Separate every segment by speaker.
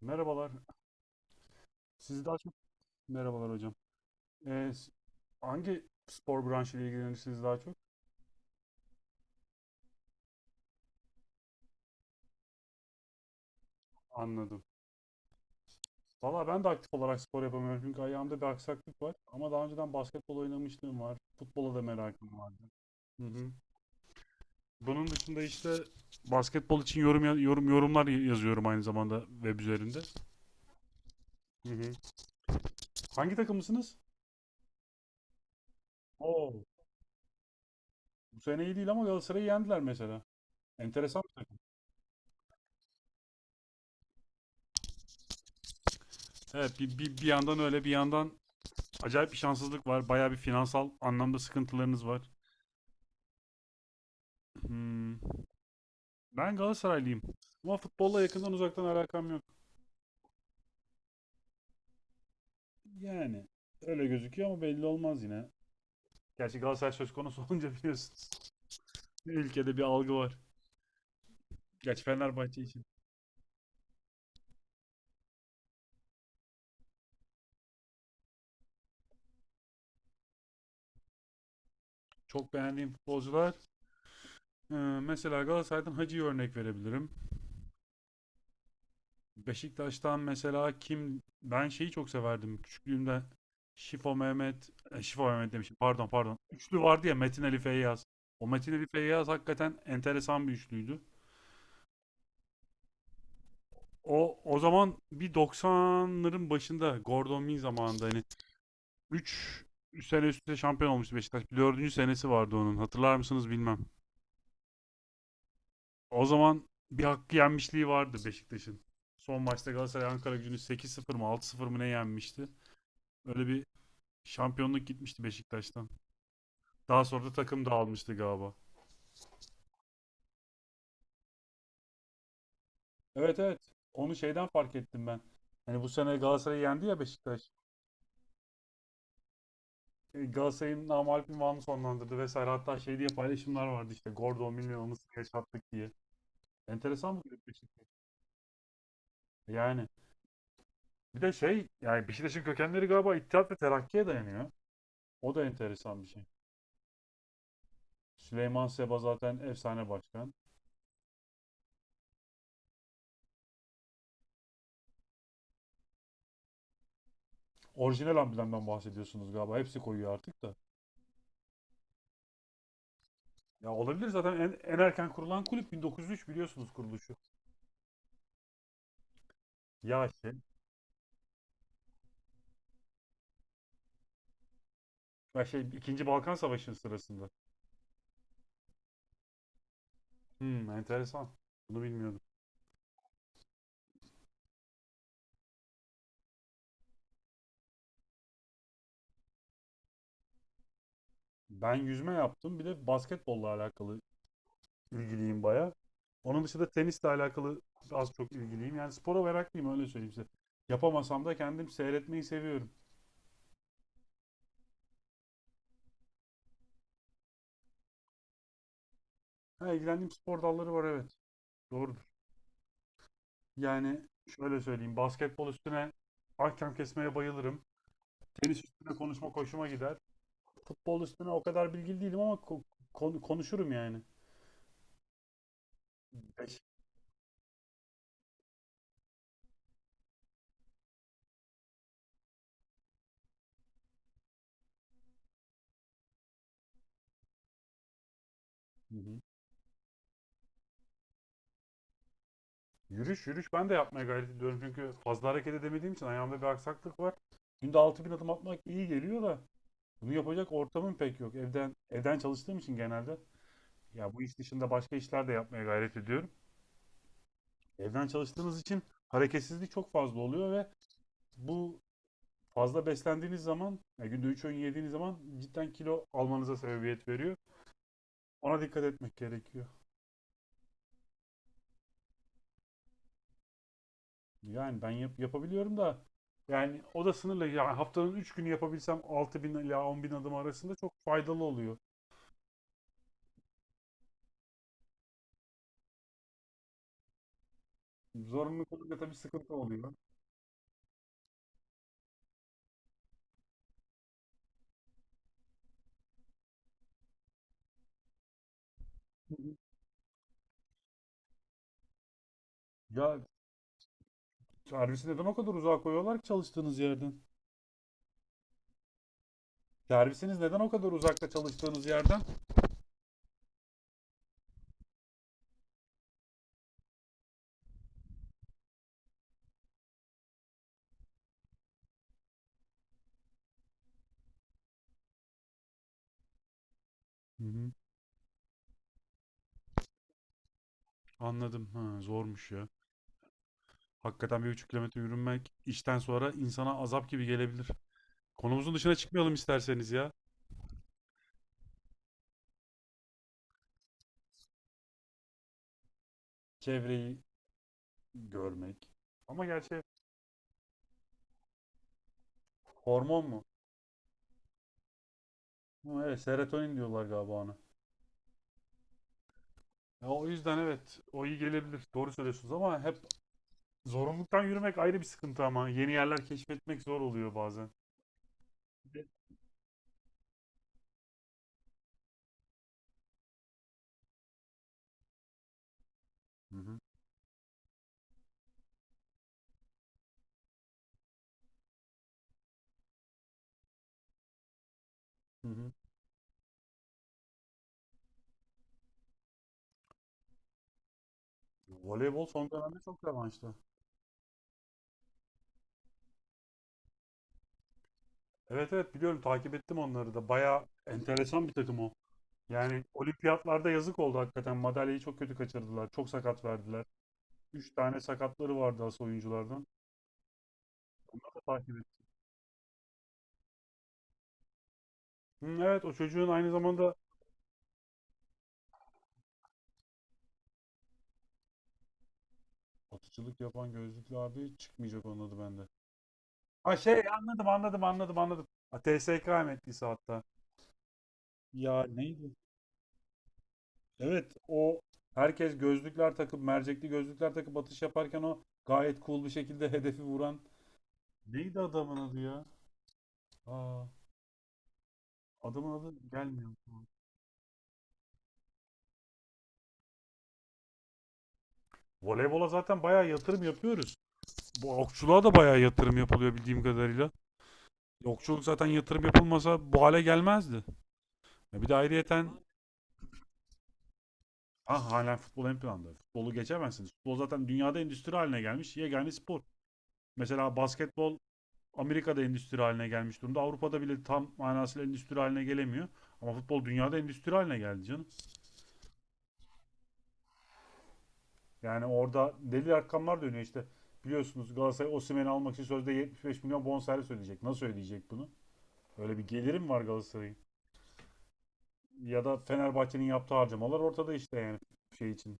Speaker 1: Merhabalar. Siz daha çok. Merhabalar hocam. Ee, s- hangi spor branşıyla ilgilenirsiniz daha çok? Anladım. Valla ben de aktif olarak spor yapamıyorum çünkü ayağımda bir aksaklık var. Ama daha önceden basketbol oynamışlığım var. Futbola da merakım vardı. Hı hı. Bunun dışında işte basketbol için yorum yorumlar yazıyorum aynı zamanda web üzerinde. Hı hı. Hangi takımlısınız? Oo, bu sene iyi değil ama Galatasaray'ı yendiler mesela. Enteresan bir takım. Evet, bir yandan öyle, bir yandan acayip bir şanssızlık var. Bayağı bir finansal anlamda sıkıntılarınız var. Hmm. Ben Galatasaraylıyım. Ama futbolla yakından uzaktan alakam yok. Yani öyle gözüküyor ama belli olmaz yine. Gerçi Galatasaray söz konusu olunca biliyorsunuz. Ülkede bir algı var. Gerçi Fenerbahçe için. Çok beğendiğim futbolcular. Ee, mesela Galatasaray'dan Hacı'yı örnek verebilirim. Beşiktaş'tan mesela kim, ben şeyi çok severdim küçüklüğümde. Şifo Mehmet, Şifo Mehmet demişim, pardon pardon, üçlü vardı ya, Metin Ali Feyyaz. O Metin Ali Feyyaz hakikaten enteresan bir üçlüydü. O zaman bir 90'ların başında, Gordon Min zamanında, hani 3 sene üst üste şampiyon olmuştu Beşiktaş. Bir dördüncü senesi vardı onun, hatırlar mısınız bilmem. O zaman bir hakkı yenmişliği vardı Beşiktaş'ın. Son maçta Galatasaray Ankara gücünü 8-0 mı 6-0 mı ne yenmişti, öyle bir şampiyonluk gitmişti Beşiktaş'tan. Daha sonra da takım dağılmıştı galiba. Evet evet. Onu şeyden fark ettim ben. Hani bu sene Galatasaray'ı yendi ya Beşiktaş. E, Galatasaray'ın namağlup ünvanını sonlandırdı vesaire. Hatta şey diye paylaşımlar vardı işte. Gordon bilmiyor yaşattık diye. Enteresan bir kulüp Beşiktaş. Yani bir de şey, yani Beşiktaş'ın kökenleri galiba İttihat ve Terakki'ye dayanıyor. O da enteresan bir şey. Süleyman Seba zaten efsane başkan. Orijinal amblemden bahsediyorsunuz galiba. Hepsi koyuyor artık da. Ya olabilir, zaten en, en erken kurulan kulüp 1903 biliyorsunuz kuruluşu. Ya şey, ya şey 2. Balkan Savaşı'nın sırasında. Hmm, enteresan. Bunu bilmiyordum. Ben yüzme yaptım. Bir de basketbolla alakalı ilgiliyim baya. Onun dışında tenisle alakalı az çok ilgiliyim. Yani spora meraklıyım, öyle söyleyeyim size. Yapamasam da kendim seyretmeyi seviyorum. Ha, ilgilendiğim spor dalları var evet. Doğrudur. Yani şöyle söyleyeyim. Basketbol üstüne ahkam kesmeye bayılırım. Tenis üstüne konuşma hoşuma gider. Futbol üstüne o kadar bilgili değilim ama konuşurum yani. Peki. Hı hı. Yürüyüş yürüyüş ben de yapmaya gayret ediyorum çünkü fazla hareket edemediğim için ayağımda bir aksaklık var. Günde 6.000 adım atmak iyi geliyor da bunu yapacak ortamım pek yok. Evden çalıştığım için genelde ya bu iş dışında başka işler de yapmaya gayret ediyorum. Evden çalıştığınız için hareketsizlik çok fazla oluyor ve bu fazla beslendiğiniz zaman, ya günde 3 öğün yediğiniz zaman cidden kilo almanıza sebebiyet veriyor. Ona dikkat etmek gerekiyor. Yani ben yapabiliyorum da, yani o da sınırlı. Yani haftanın 3 günü yapabilsem 6.000 ila 10.000 adım arasında çok faydalı oluyor. Zorunluluk olunca tabii sıkıntı oluyor. Hı hı. Ya servisi neden o kadar uzağa koyuyorlar ki çalıştığınız yerden? Servisiniz neden o kadar uzakta çalıştığınız yerden? Hı hı. Anladım. Ha, zormuş ya. Hakikaten 1,5 kilometre yürünmek işten sonra insana azap gibi gelebilir. Konumuzun dışına çıkmayalım isterseniz ya. Çevreyi görmek. Ama gerçi hormon mu? Hı, evet, serotonin diyorlar galiba ona. Ya o yüzden evet o iyi gelebilir. Doğru söylüyorsunuz ama hep zorunluluktan yürümek ayrı bir sıkıntı, ama yeni yerler keşfetmek zor oluyor bazen. Hı hı. Hı hı. Voleybol son dönemde çok revaçta. Evet evet biliyorum, takip ettim onları da. Bayağı enteresan bir takım o. Yani olimpiyatlarda yazık oldu hakikaten. Madalyayı çok kötü kaçırdılar. Çok sakat verdiler. Üç tane sakatları vardı asıl oyunculardan. Onları da takip ettim. Hı, evet, o çocuğun aynı zamanda atıcılık yapan gözlüklü abi çıkmayacak onun adı bende. Ha anladım anladım anladım anladım. Ha, TSK emeklisi hatta. Ya neydi? Evet o, herkes gözlükler takıp mercekli gözlükler takıp atış yaparken o gayet cool bir şekilde hedefi vuran. Neydi adamın adı ya? Aa, adamın adı gelmiyor şu an. Voleybola zaten bayağı yatırım yapıyoruz. Bu okçuluğa da bayağı yatırım yapılıyor bildiğim kadarıyla. Okçuluk zaten yatırım yapılmasa bu hale gelmezdi. Ya bir de ayrıyeten ah hala futbol ön planda. Futbolu geçemezsiniz. Futbol zaten dünyada endüstri haline gelmiş yegane spor. Mesela basketbol Amerika'da endüstri haline gelmiş durumda. Avrupa'da bile tam manasıyla endüstri haline gelemiyor. Ama futbol dünyada endüstri haline geldi canım. Yani orada deli rakamlar dönüyor işte. Biliyorsunuz Galatasaray Osimhen'i almak için sözde 75 milyon bonservis ödeyecek. Nasıl ödeyecek bunu? Öyle bir gelirim var Galatasaray'ın. Ya da Fenerbahçe'nin yaptığı harcamalar ortada işte, yani şey için.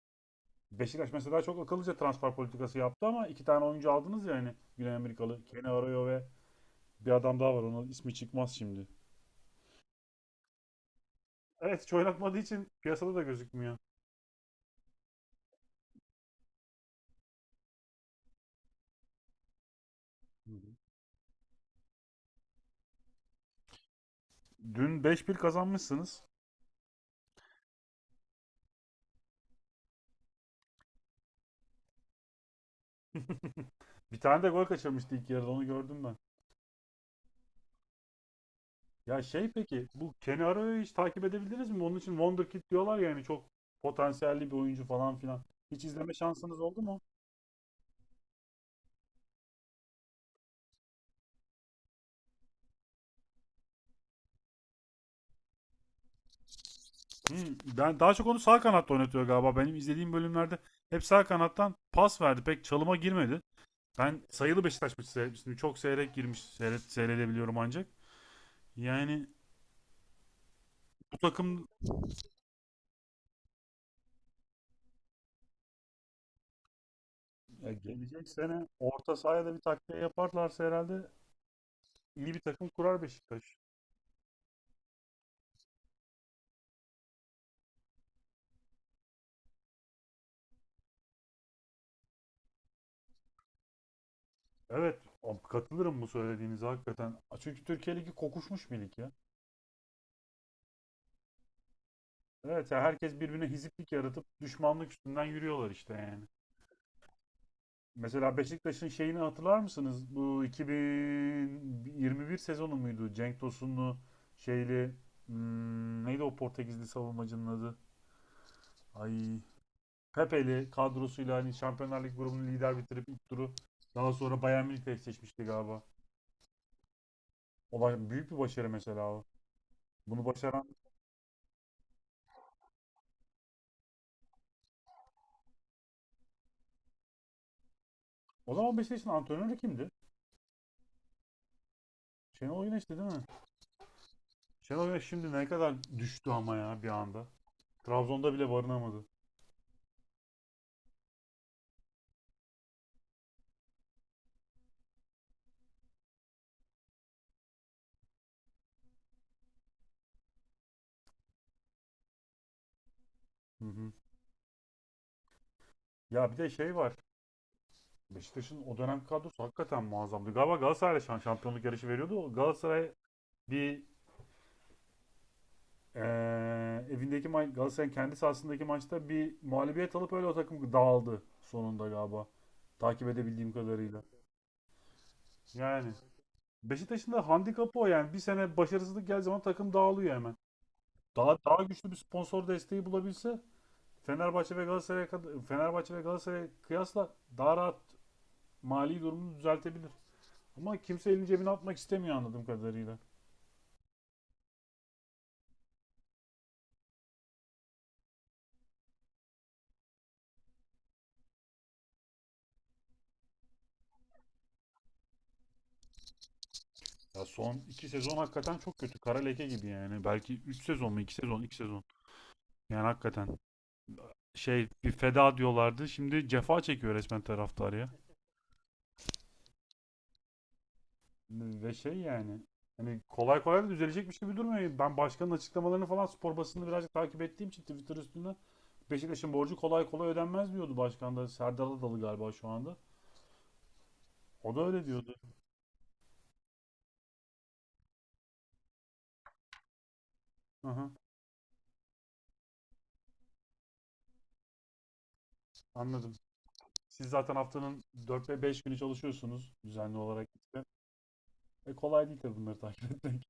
Speaker 1: Beşiktaş mesela çok akıllıca transfer politikası yaptı ama iki tane oyuncu aldınız ya hani, Güney Amerikalı. Kenny Arroyo ve bir adam daha var, onun ismi çıkmaz şimdi. Evet, hiç oynatmadığı için piyasada da gözükmüyor. Hı hı. Dün beş 1 kazanmışsınız. Bir tane de gol kaçırmıştı ilk yarıda, onu gördüm ben. Ya şey, peki bu Kenny Arao'yu hiç takip edebildiniz mi? Onun için Wonderkid diyorlar ya, yani çok potansiyelli bir oyuncu falan filan. Hiç izleme şansınız oldu mu? Hmm, ben daha çok onu sağ kanatta oynatıyor galiba. Benim izlediğim bölümlerde hep sağ kanattan pas verdi. Pek çalıma girmedi. Ben sayılı Beşiktaş maçı seyretmiştim. Çok seyrek girmiş. Seyredebiliyorum ancak. Yani bu takım. Ya gelecek sene orta sahaya da bir takviye yaparlarsa herhalde iyi bir takım kurar Beşiktaş. Evet, o- katılırım bu söylediğinize hakikaten. Çünkü Türkiye Ligi kokuşmuş bir lig ya. Evet, ya herkes birbirine hiziplik yaratıp düşmanlık üstünden yürüyorlar işte yani. Mesela Beşiktaş'ın şeyini hatırlar mısınız? Bu 2021 sezonu muydu? Cenk Tosun'lu şeyli neydi o Portekizli savunmacının adı? Ay, Pepeli kadrosuyla hani Şampiyonlar Ligi grubunu lider bitirip ilk turu daha sonra Bayern Münih'le eşleşmişti galiba. O büyük bir başarı mesela o. Bunu başaran o zaman Beşiktaş'ın antrenörü kimdi? Şenol Güneş'ti değil mi? Şenol Güneş şimdi ne kadar düştü ama ya, bir anda. Trabzon'da bile barınamadı. Hı hı. Ya bir de şey var. Beşiktaş'ın o dönem kadrosu hakikaten muazzamdı. Galiba Galatasaray'la şampiyonluk yarışı veriyordu. Galatasaray bir, ee, evindeki Galatasaray'ın kendi sahasındaki maçta bir mağlubiyet alıp öyle o takım dağıldı sonunda galiba. Takip edebildiğim kadarıyla. Yani Beşiktaş'ın da handikapı o yani. Bir sene başarısızlık geldiği zaman takım dağılıyor hemen. Daha daha güçlü bir sponsor desteği bulabilse Fenerbahçe ve Galatasaray'a kıyasla daha rahat mali durumunu düzeltebilir. Ama kimse elini cebine atmak istemiyor anladığım kadarıyla. Ya son iki sezon hakikaten çok kötü. Kara leke gibi yani. Belki 3 sezon mu? İki sezon, 2 sezon. Yani hakikaten. Şey, bir feda diyorlardı. Şimdi cefa çekiyor resmen taraftar ya. Ve şey yani, hani kolay kolay da düzelecek şey gibi durmuyor. Ben başkanın açıklamalarını falan, spor basını birazcık takip ettiğim için Twitter üstünde Beşiktaş'ın borcu kolay kolay ödenmez diyordu başkan da. Serdar Adalı galiba şu anda. O da öyle diyordu. Hı hı, anladım. Siz zaten haftanın 4 ve 5 günü çalışıyorsunuz düzenli olarak işte. Kolay değil tabii bunları takip etmek.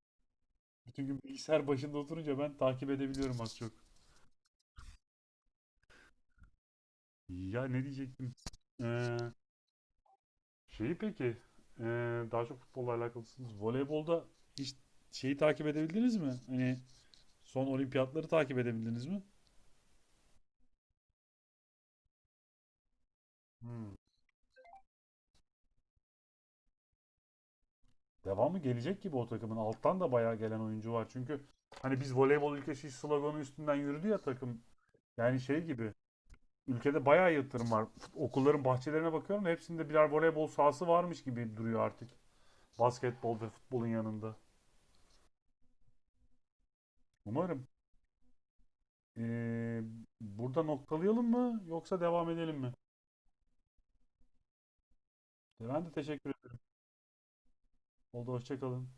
Speaker 1: Bütün gün bilgisayar başında oturunca ben takip edebiliyorum az çok. Ya ne diyecektim? Ee, Şeyi peki, e, daha çok futbolla alakalısınız. Voleybolda hiç şeyi takip edebildiniz mi? Hani son olimpiyatları takip edebildiniz mi? Hmm. Devamı gelecek gibi o takımın. Alttan da bayağı gelen oyuncu var. Çünkü hani biz voleybol ülkesi sloganı üstünden yürüdü ya takım. Yani şey gibi. Ülkede bayağı yatırım var. Okulların bahçelerine bakıyorum da hepsinde birer voleybol sahası varmış gibi duruyor artık. Basketbol ve futbolun yanında. Umarım. E, burada noktalayalım mı yoksa devam edelim mi? Ben de teşekkür. Oldu, hoşçakalın.